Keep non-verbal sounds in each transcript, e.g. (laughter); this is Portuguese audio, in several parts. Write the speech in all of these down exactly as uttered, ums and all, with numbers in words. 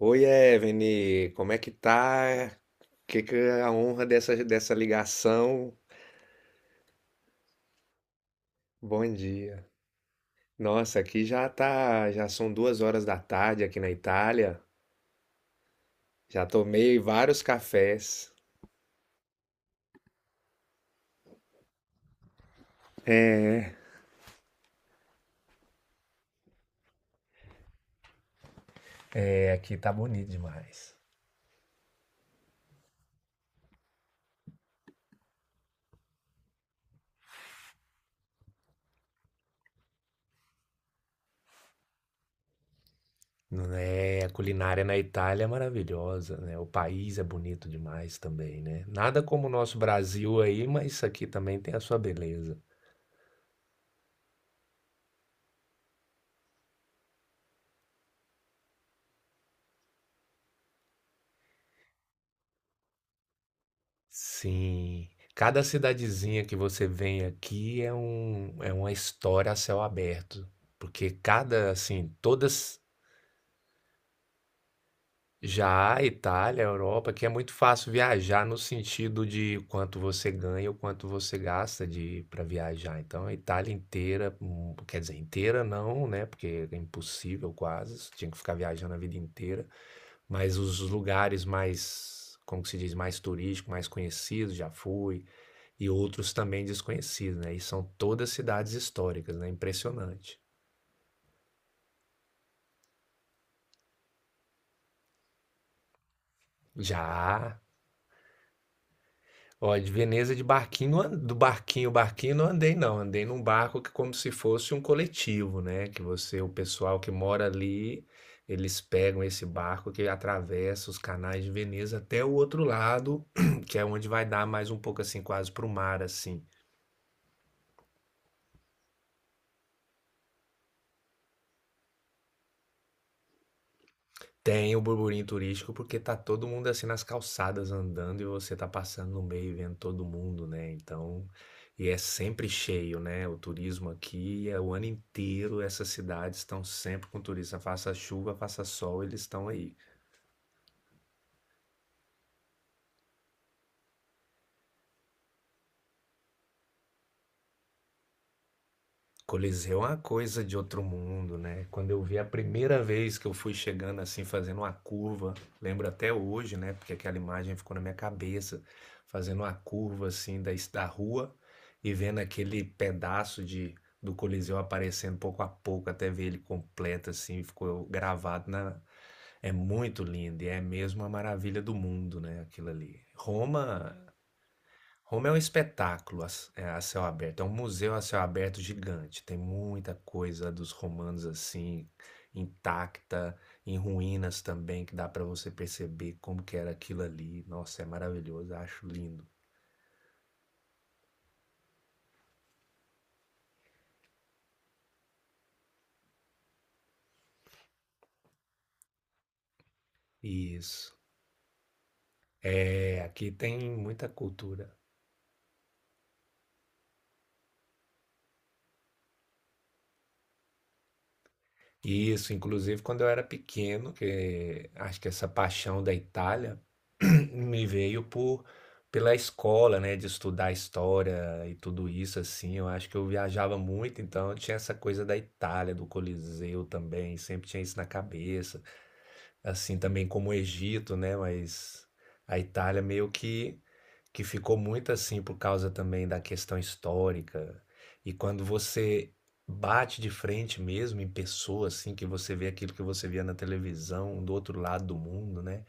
Oi, Evelyn, como é que tá? Que que é a honra dessa, dessa ligação? Bom dia. Nossa, aqui já tá, já são duas horas da tarde aqui na Itália. Já tomei vários cafés. É, aqui tá bonito demais. Não é, a culinária na Itália é maravilhosa, né? O país é bonito demais também, né? Nada como o nosso Brasil aí, mas isso aqui também tem a sua beleza. Sim. Cada cidadezinha que você vem aqui é um, é uma história a céu aberto, porque cada, assim, todas já a Itália, a Europa, que é muito fácil viajar no sentido de quanto você ganha ou quanto você gasta de para viajar. Então, a Itália inteira, hum, quer dizer, inteira não, né? Porque é impossível quase, você tinha que ficar viajando a vida inteira, mas os lugares mais, como que se diz, mais turísticos, mais conhecidos, já fui. E outros também desconhecidos, né? E são todas cidades históricas, né? Impressionante. Já, ó, de Veneza de barquinho, não an- do barquinho, barquinho não andei não, andei num barco que como se fosse um coletivo, né? Que você, o pessoal que mora ali, eles pegam esse barco que atravessa os canais de Veneza até o outro lado, (clears throat) que é onde vai dar mais um pouco assim, quase pro mar assim. Tem o burburinho turístico porque tá todo mundo assim nas calçadas andando e você tá passando no meio e vendo todo mundo, né? Então, e é sempre cheio, né? O turismo aqui é o ano inteiro, essas cidades estão sempre com turista, faça chuva, faça sol, eles estão aí. Coliseu é uma coisa de outro mundo, né? Quando eu vi a primeira vez que eu fui chegando assim, fazendo uma curva, lembro até hoje, né? Porque aquela imagem ficou na minha cabeça, fazendo uma curva assim da, da rua e vendo aquele pedaço de, do Coliseu aparecendo pouco a pouco até ver ele completo assim, ficou gravado na. É muito lindo e é mesmo a maravilha do mundo, né? Aquilo ali. Roma Roma é um espetáculo a, c- é, a céu aberto, é um museu a céu aberto gigante. Tem muita coisa dos romanos assim, intacta, em ruínas também, que dá para você perceber como que era aquilo ali. Nossa, é maravilhoso, acho lindo. Isso. É, aqui tem muita cultura. Isso, inclusive quando eu era pequeno, que acho que essa paixão da Itália (clears throat) me veio por pela escola, né, de estudar história e tudo isso assim. Eu acho que eu viajava muito, então eu tinha essa coisa da Itália, do Coliseu também, sempre tinha isso na cabeça assim também como o Egito, né? Mas a Itália meio que que ficou muito assim por causa também da questão histórica. E quando você bate de frente mesmo em pessoa, assim, que você vê aquilo que você via na televisão um do outro lado do mundo, né?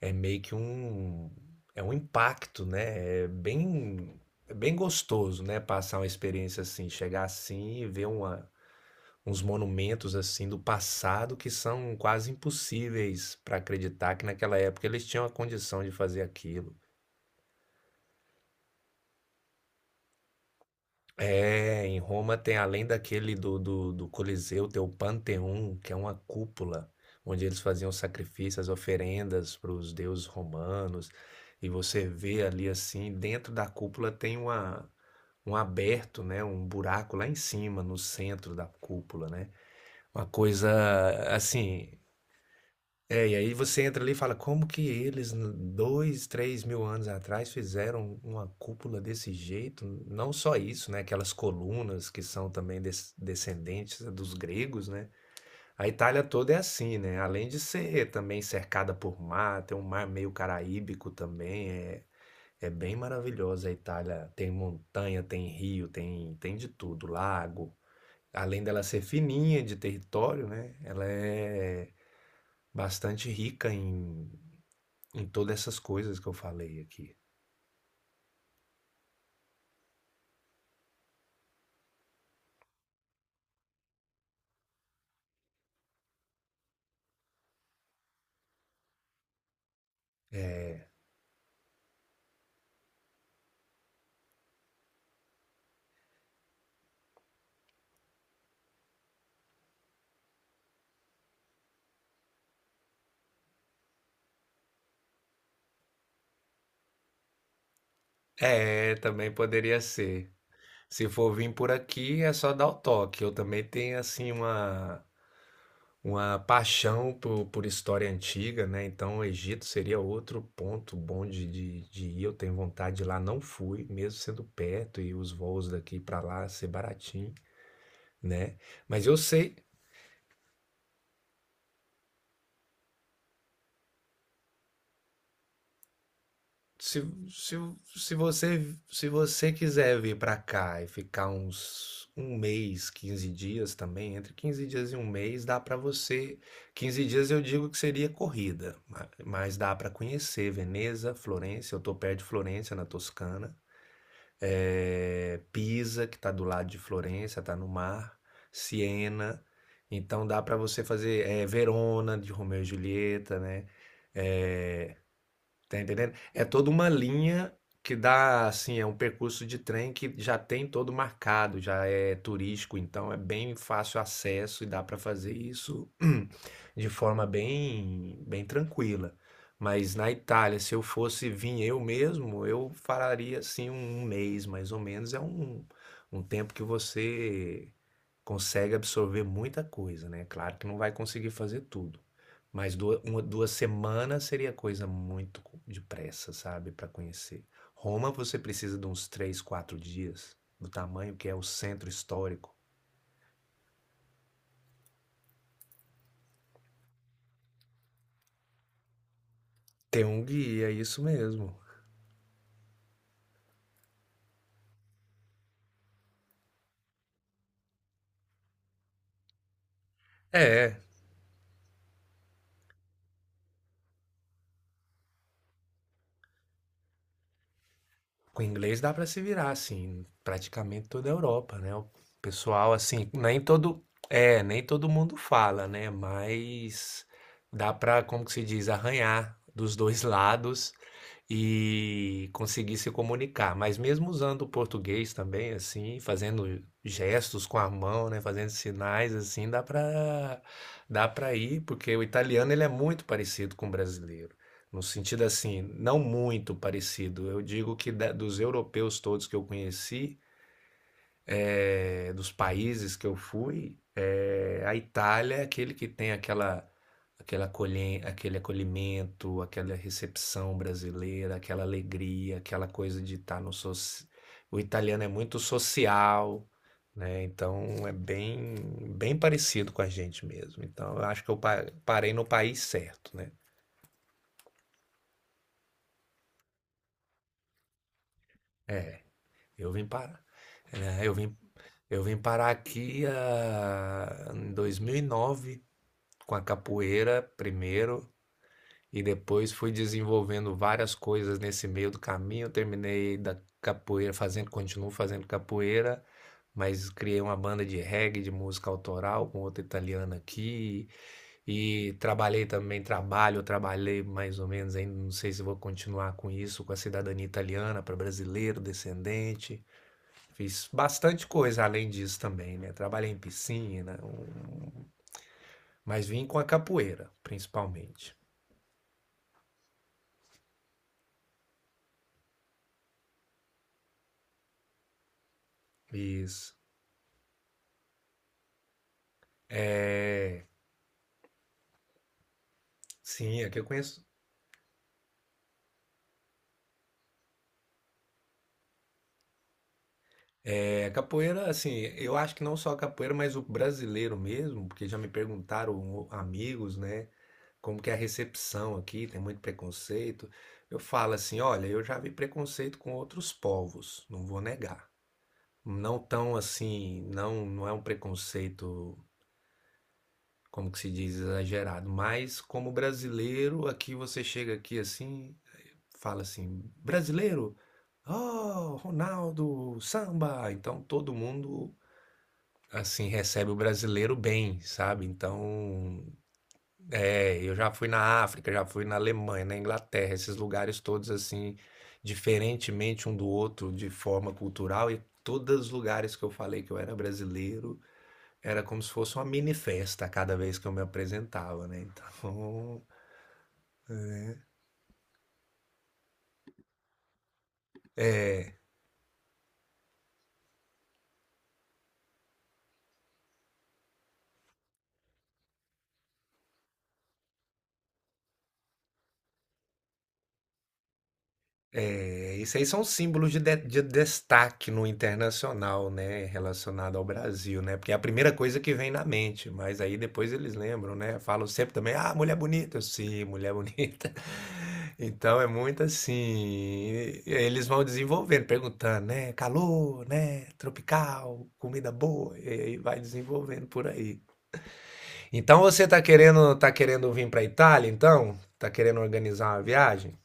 É meio que um é um impacto, né? É bem é bem gostoso, né? Passar uma experiência assim, chegar assim e ver uma uns monumentos assim do passado que são quase impossíveis para acreditar que naquela época eles tinham a condição de fazer aquilo. É, em Roma tem além daquele do, do, do Coliseu, tem o Panteão, que é uma cúpula onde eles faziam sacrifícios, oferendas para os deuses romanos. E você vê ali assim, dentro da cúpula tem uma, um aberto, né, um buraco lá em cima, no centro da cúpula, né? Uma coisa assim. É, e aí você entra ali e fala, como que eles, n- dois, três mil anos atrás, fizeram uma cúpula desse jeito? Não só isso, né? Aquelas colunas que são também des- descendentes dos gregos, né? A Itália toda é assim, né? Além de ser também cercada por mar, tem um mar meio caraíbico também, é, é bem maravilhosa a Itália. Tem montanha, tem rio, tem, tem de tudo, lago. Além dela ser fininha de território, né? Ela é bastante rica em em todas essas coisas que eu falei aqui. É, também poderia ser. Se for vir por aqui, é só dar o toque. Eu também tenho, assim, uma, uma paixão por, por história antiga, né? Então, o Egito seria outro ponto bom de, de, de ir. Eu tenho vontade de ir lá, não fui, mesmo sendo perto e os voos daqui para lá ser baratinho, né? Mas eu sei. Se, se, se você, Se você quiser vir pra cá e ficar uns um mês, quinze dias também, entre quinze dias e um mês, dá pra você. Quinze dias eu digo que seria corrida, ma- mas dá pra conhecer Veneza, Florença, eu tô perto de Florença, na Toscana, é, Pisa, que tá do lado de Florença, tá no mar, Siena, então dá pra você fazer é, Verona, de Romeu e Julieta, né? É, Tá entendendo? É toda uma linha que dá, assim, é um percurso de trem que já tem todo marcado, já é turístico, então é bem fácil acesso e dá para fazer isso (clears throat) de forma bem, bem tranquila. Mas na Itália, se eu fosse vir eu mesmo, eu faria assim um um mês mais ou menos. É um, um tempo que você consegue absorver muita coisa, né? Claro que não vai conseguir fazer tudo, mas duas, uma, duas semanas seria coisa muito depressa, sabe, para conhecer. Roma você precisa de uns três, quatro dias, do tamanho que é o centro histórico. Ter um guia, isso mesmo. É, com inglês dá para se virar, assim, praticamente toda a Europa, né? O pessoal, assim, nem todo, é, nem todo mundo fala, né? Mas dá para, como que se diz, arranhar dos dois (laughs) lados e conseguir se comunicar. Mas mesmo usando o português também, assim, fazendo gestos com a mão, né? Fazendo sinais, assim, dá para dá para ir, porque o italiano ele é muito parecido com o brasileiro. No sentido assim, não muito parecido. Eu digo que da- dos europeus todos que eu conheci, eh, dos países que eu fui, eh, a Itália é aquele que tem aquela, aquela acolhe- aquele acolhimento, aquela recepção brasileira, aquela alegria, aquela coisa de estar no soci... O italiano é muito social, né? Então é bem, bem parecido com a gente mesmo. Então eu acho que eu pa- parei no país certo, né? É, eu vim parar. É, eu vim Eu vim parar aqui ah, em dois mil e nove com a capoeira primeiro e depois fui desenvolvendo várias coisas nesse meio do caminho. Terminei da capoeira fazendo, continuo fazendo capoeira, mas criei uma banda de reggae, de música autoral com outra italiana aqui e trabalhei também, trabalho, trabalhei mais ou menos ainda, não sei se vou continuar com isso, com a cidadania italiana para brasileiro, descendente. Fiz bastante coisa além disso também, né? Trabalhei em piscina, um- mas vim com a capoeira, principalmente. Isso. é Sim, é que eu conheço. É, capoeira, assim, eu acho que não só a capoeira, mas o brasileiro mesmo, porque já me perguntaram o- amigos, né, como que é a recepção aqui, tem muito preconceito. Eu falo assim, olha, eu já vi preconceito com outros povos, não vou negar. Não tão assim, não, não é um preconceito como que se diz, exagerado. Mas como brasileiro, aqui você chega aqui assim, fala assim, brasileiro, oh, Ronaldo, samba. Então todo mundo assim recebe o brasileiro bem, sabe? Então, é, eu já fui na África, já fui na Alemanha, na Inglaterra, esses lugares todos assim, diferentemente um do outro de forma cultural e todos os lugares que eu falei que eu era brasileiro, era como se fosse uma mini festa cada vez que eu me apresentava, né? Então, é, isso aí são símbolos de, de- de destaque no internacional, né? Relacionado ao Brasil, né? Porque é a primeira coisa que vem na mente, mas aí depois eles lembram, né? Falam sempre também, ah, mulher bonita. Eu, Sim, mulher bonita. (laughs) Então é muito assim. Eles vão desenvolvendo, perguntando, né? Calor, né? Tropical, comida boa, e aí vai desenvolvendo por aí. Então você tá querendo, tá querendo vir pra Itália, então? Tá querendo organizar uma viagem?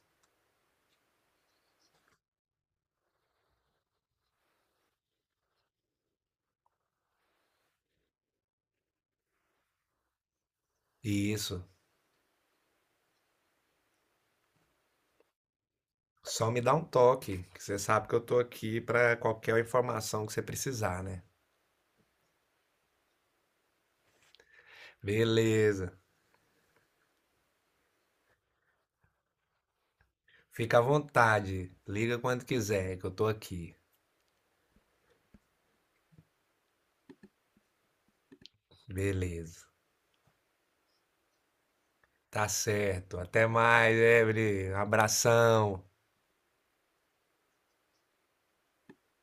Isso. Só me dá um toque, que você sabe que eu tô aqui pra qualquer informação que você precisar, né? Beleza. Fica à vontade. Liga quando quiser, que eu tô aqui. Beleza. Tá certo. Até mais, Evelyn. Abração.